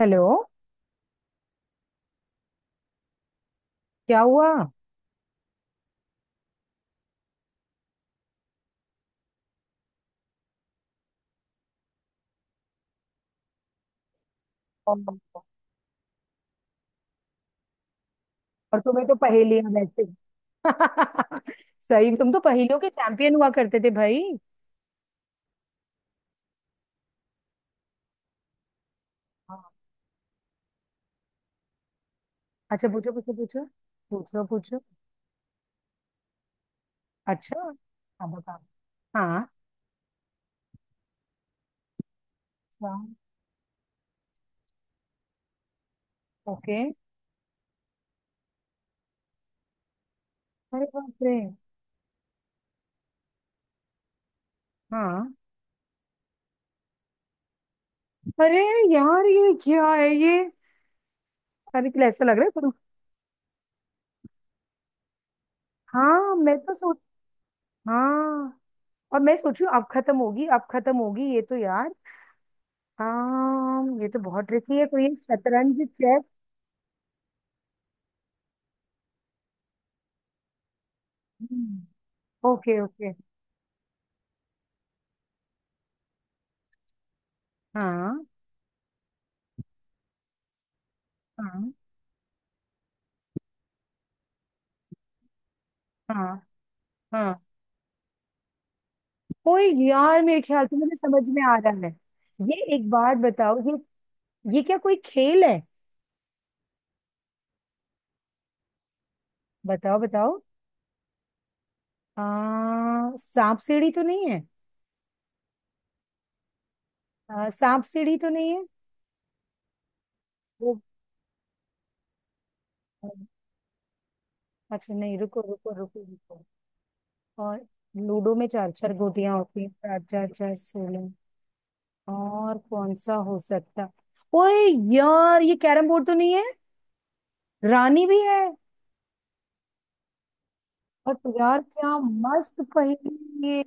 Hello. क्या हुआ? और और तुम्हें तो पहेलियां वैसे सही, तुम तो पहेलियों के चैंपियन हुआ करते थे भाई। हाँ। अच्छा पूछो, पूछो, पूछो। पूछो पूछो। अच्छा। हाँ बताओ। हाँ। अच्छा, ओके। अरे बाप रे। हाँ। अरे यार, ये क्या है ये? अरे क्या ऐसा लग रहा है हाँ मैं तो सोच। हाँ और मैं सोचू अब खत्म होगी, अब खत्म होगी, ये तो यार। हाँ ये तो बहुत ट्रिकी है, कोई शतरंज चेस। Okay okay. हाँ हाँ हाँ हाँ। कोई यार, मेरे ख्याल से मुझे समझ में आ रहा है। ये एक बात बताओ, ये क्या कोई खेल है? बताओ बताओ। सांप सीढ़ी तो नहीं है? सांप सीढ़ी तो नहीं है? वो अच्छा, नहीं, रुको रुको रुको रुको। और लूडो में चार चार गोटियां होती हैं, चार चार चार 16। और कौन सा हो सकता? ओए यार, ये कैरम बोर्ड तो नहीं है? रानी भी है। और यार क्या मस्त पहेली है ये।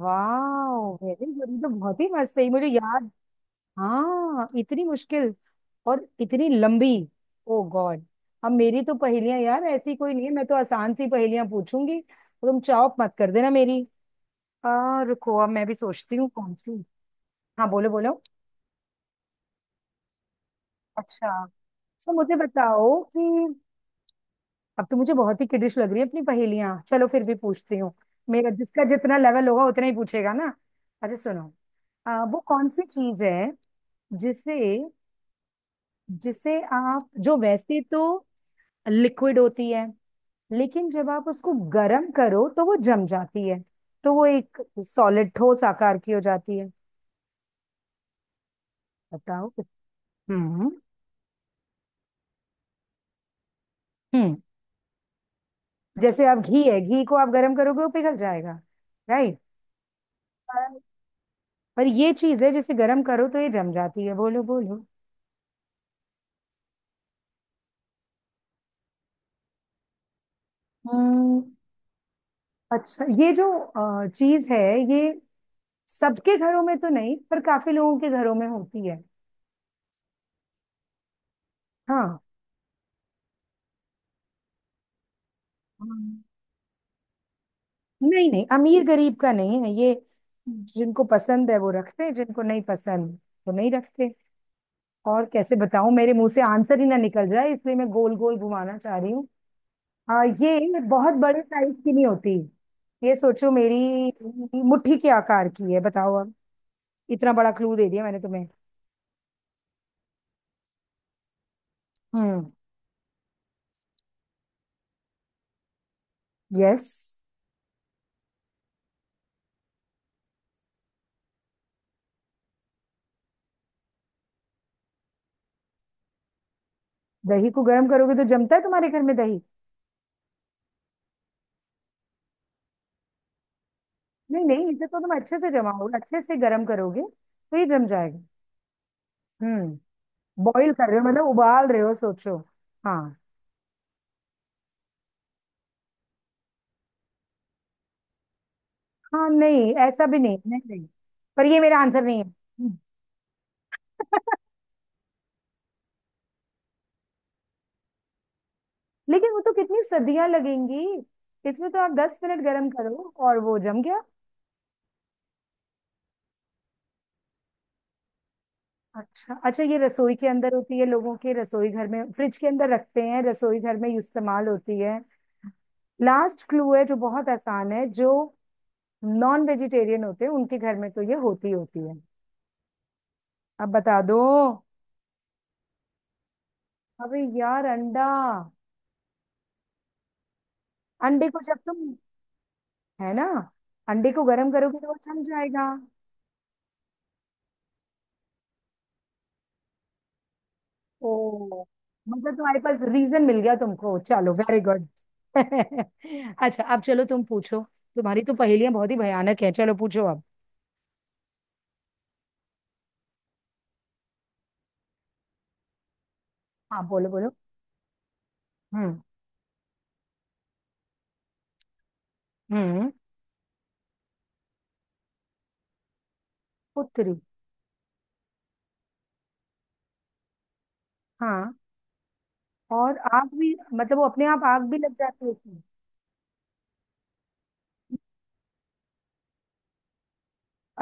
वाह वेरी गुड, ये तो बहुत ही मस्त है ये, मुझे याद। हाँ इतनी मुश्किल और इतनी लंबी। ओ गॉड। अब मेरी तो पहेलियां यार ऐसी कोई नहीं है। मैं तो आसान सी पहेलियां पूछूंगी तो तुम चौप मत कर देना मेरी। रुको अब मैं भी सोचती हूँ कौन सी। हाँ बोलो बोलो। अच्छा तो मुझे बताओ कि अब तो मुझे बहुत ही किडिश लग रही है अपनी पहेलियां, चलो फिर भी पूछती हूँ। मेरा जिसका जितना लेवल होगा उतना ही पूछेगा ना। अच्छा सुनो। वो कौन सी चीज है जिसे जिसे आप, जो वैसे तो लिक्विड होती है लेकिन जब आप उसको गर्म करो तो वो जम जाती है, तो वो एक सॉलिड ठोस आकार की हो जाती है। बताओ। हम्म। हम्म। जैसे आप घी है, घी को आप गर्म करोगे वो पिघल जाएगा, राइट। पर पर ये चीज है जिसे गर्म करो तो ये जम जाती है। बोलो बोलो। हम्म, अच्छा, ये जो चीज है ये सबके घरों में तो नहीं पर काफी लोगों के घरों में होती है। हाँ नहीं नहीं, अमीर गरीब का नहीं है ये। जिनको पसंद है वो रखते हैं, जिनको नहीं पसंद वो नहीं रखते। और कैसे बताऊं, मेरे मुंह से आंसर ही ना निकल जाए इसलिए मैं गोल गोल घुमाना चाह रही हूँ। ये बहुत बड़े साइज की नहीं होती। ये सोचो मेरी मुट्ठी के आकार की है, बताओ अब। इतना बड़ा क्लू दे दिया मैंने तुम्हें। हम्म। यस। दही को गर्म करोगे तो जमता है तुम्हारे घर में दही? नहीं नहीं, इसे तो तुम अच्छे से जमाओ, अच्छे से गर्म करोगे तो ये जम जाएगा। हम्म। बॉईल कर रहे हो, मतलब उबाल रहे हो, सोचो। हाँ। हाँ नहीं ऐसा भी नहीं नहीं नहीं, पर ये मेरा आंसर नहीं है। लेकिन वो तो कितनी सदियां लगेंगी। इसमें तो आप 10 मिनट गर्म करो और वो जम गया। अच्छा अच्छा, ये रसोई के अंदर होती है, लोगों के रसोई घर में फ्रिज के अंदर रखते हैं, रसोई घर में इस्तेमाल होती है। लास्ट क्लू है जो बहुत आसान है, जो नॉन वेजिटेरियन होते हैं उनके घर में तो ये होती होती है। अब बता दो। अबे यार अंडा। अंडे को जब तुम, है ना, अंडे को गर्म करोगे तो वो जम जाएगा। ओ मतलब तुम्हारे पास रीजन मिल गया तुमको, चलो वेरी गुड। अच्छा अब चलो तुम पूछो। तुम्हारी तो पहेलियां बहुत ही भयानक है, चलो पूछो अब। हाँ बोलो बोलो। हम्म। हम्म। पुत्री। हाँ और आग भी, मतलब वो अपने आप आग भी लग जाती है उसमें?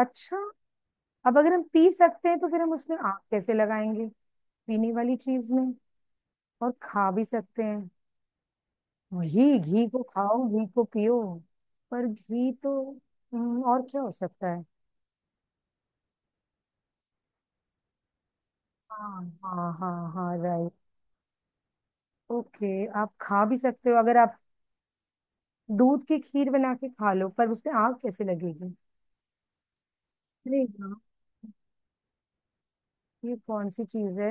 अच्छा, अब अगर हम पी सकते हैं तो फिर हम उसमें आग कैसे लगाएंगे? पीने वाली चीज में। और खा भी सकते हैं। वही घी को खाओ, घी को पियो। पर घी तो और क्या हो सकता है? हाँ हाँ हाँ हाँ राइट। ओके, आप खा भी सकते हो, अगर आप दूध की खीर बना के खा लो, पर उसमें आग कैसे लगेगी? अरे वाह, ये कौन सी चीज है?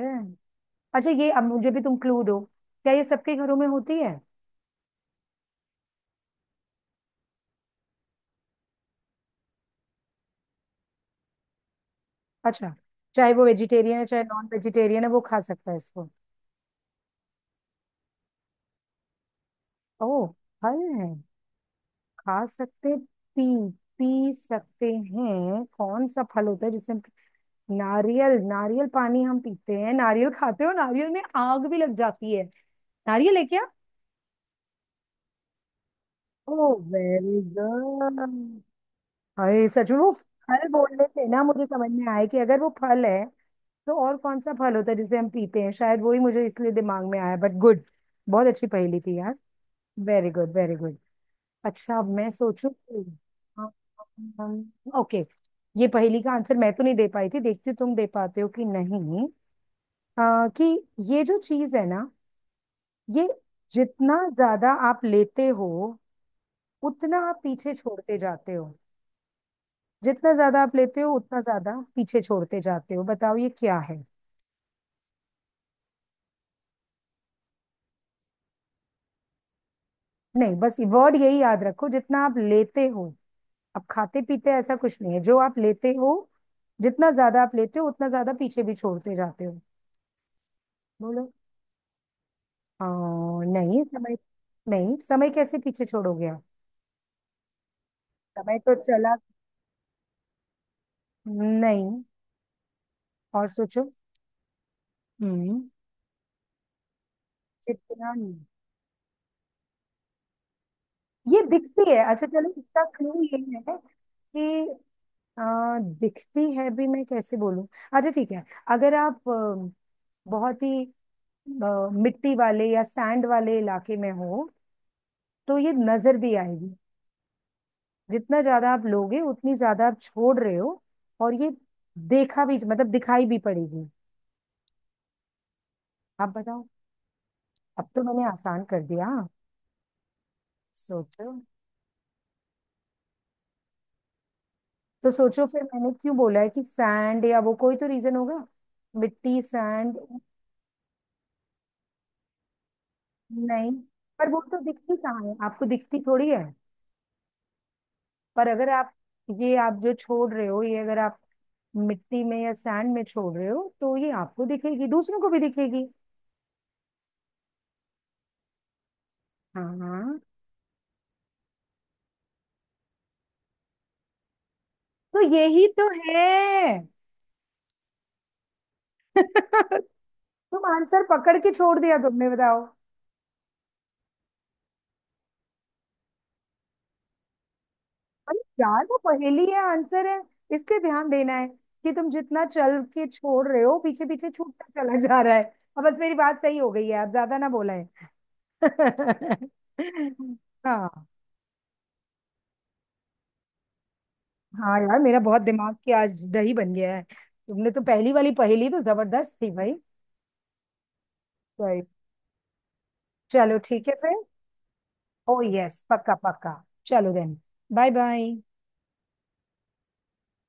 अच्छा ये अब मुझे भी तुम क्लू दो। क्या ये सबके घरों में होती है? अच्छा, चाहे वो वेजिटेरियन है चाहे नॉन वेजिटेरियन है, वो खा सकता है इसको। ओ, फल है, खा सकते, पी, पी सकते हैं, कौन सा फल होता है जिसे हम, नारियल। नारियल पानी हम पीते हैं, नारियल खाते हो, नारियल में आग भी लग जाती है। नारियल है क्या? ओ वेरी गुड। हाय सच में, वो फल बोलने से ना मुझे समझ में आया कि अगर वो फल है तो और कौन सा फल होता है जिसे हम पीते हैं, शायद वही मुझे इसलिए दिमाग में आया, बट गुड। बहुत अच्छी पहेली थी यार। Very good very good. अच्छा अब मैं सोचूं। ओके। ये पहेली का आंसर मैं तो नहीं दे पाई थी, देखती हूँ तुम दे पाते हो कि नहीं। कि ये जो चीज है ना, ये जितना ज्यादा आप लेते हो उतना आप पीछे छोड़ते जाते हो। जितना ज्यादा आप लेते हो उतना ज्यादा पीछे छोड़ते जाते हो, बताओ ये क्या है। नहीं, बस वर्ड यही याद रखो, जितना आप लेते हो। अब खाते पीते ऐसा कुछ नहीं है जो आप लेते हो। जितना ज्यादा आप लेते हो उतना ज्यादा पीछे भी छोड़ते जाते हो। बोलो। आ, नहीं समय। नहीं, समय कैसे पीछे छोड़ोगे आप? समय तो चला नहीं। और सोचो। हम्म जितना ये दिखती है, अच्छा चलो इसका क्लू ये है कि दिखती है भी, मैं कैसे बोलूं? अच्छा ठीक है, अगर आप बहुत ही मिट्टी वाले या सैंड वाले इलाके में हो तो ये नजर भी आएगी। जितना ज्यादा आप लोगे उतनी ज्यादा आप छोड़ रहे हो, और ये देखा भी मतलब दिखाई भी पड़ेगी। आप बताओ। अब तो मैंने आसान कर दिया हाँ। सोचो। तो सोचो फिर मैंने क्यों बोला है कि सैंड, या वो कोई तो रीजन होगा। मिट्टी सैंड। नहीं, पर वो तो दिखती कहाँ है, आपको दिखती थोड़ी है? पर अगर आप, ये आप जो छोड़ रहे हो ये अगर आप मिट्टी में या सैंड में छोड़ रहे हो तो ये आपको दिखेगी, दूसरों को भी दिखेगी। हाँ हाँ। तो यही तो है। तुम आंसर पकड़ के छोड़ दिया तुमने, बताओ। अरे यार वो पहेली है, आंसर है, इस पे ध्यान देना है कि तुम जितना चल के छोड़ रहे हो पीछे पीछे छूटता चला जा रहा है। अब बस, मेरी बात सही हो गई है, अब ज्यादा ना बोला है। हाँ। हाँ यार, मेरा बहुत दिमाग की आज दही बन गया है। तुमने तो पहली वाली पहेली तो जबरदस्त थी भाई। भाई। चलो ठीक है फिर। ओ यस, पक्का पक्का। चलो देन। Bye bye.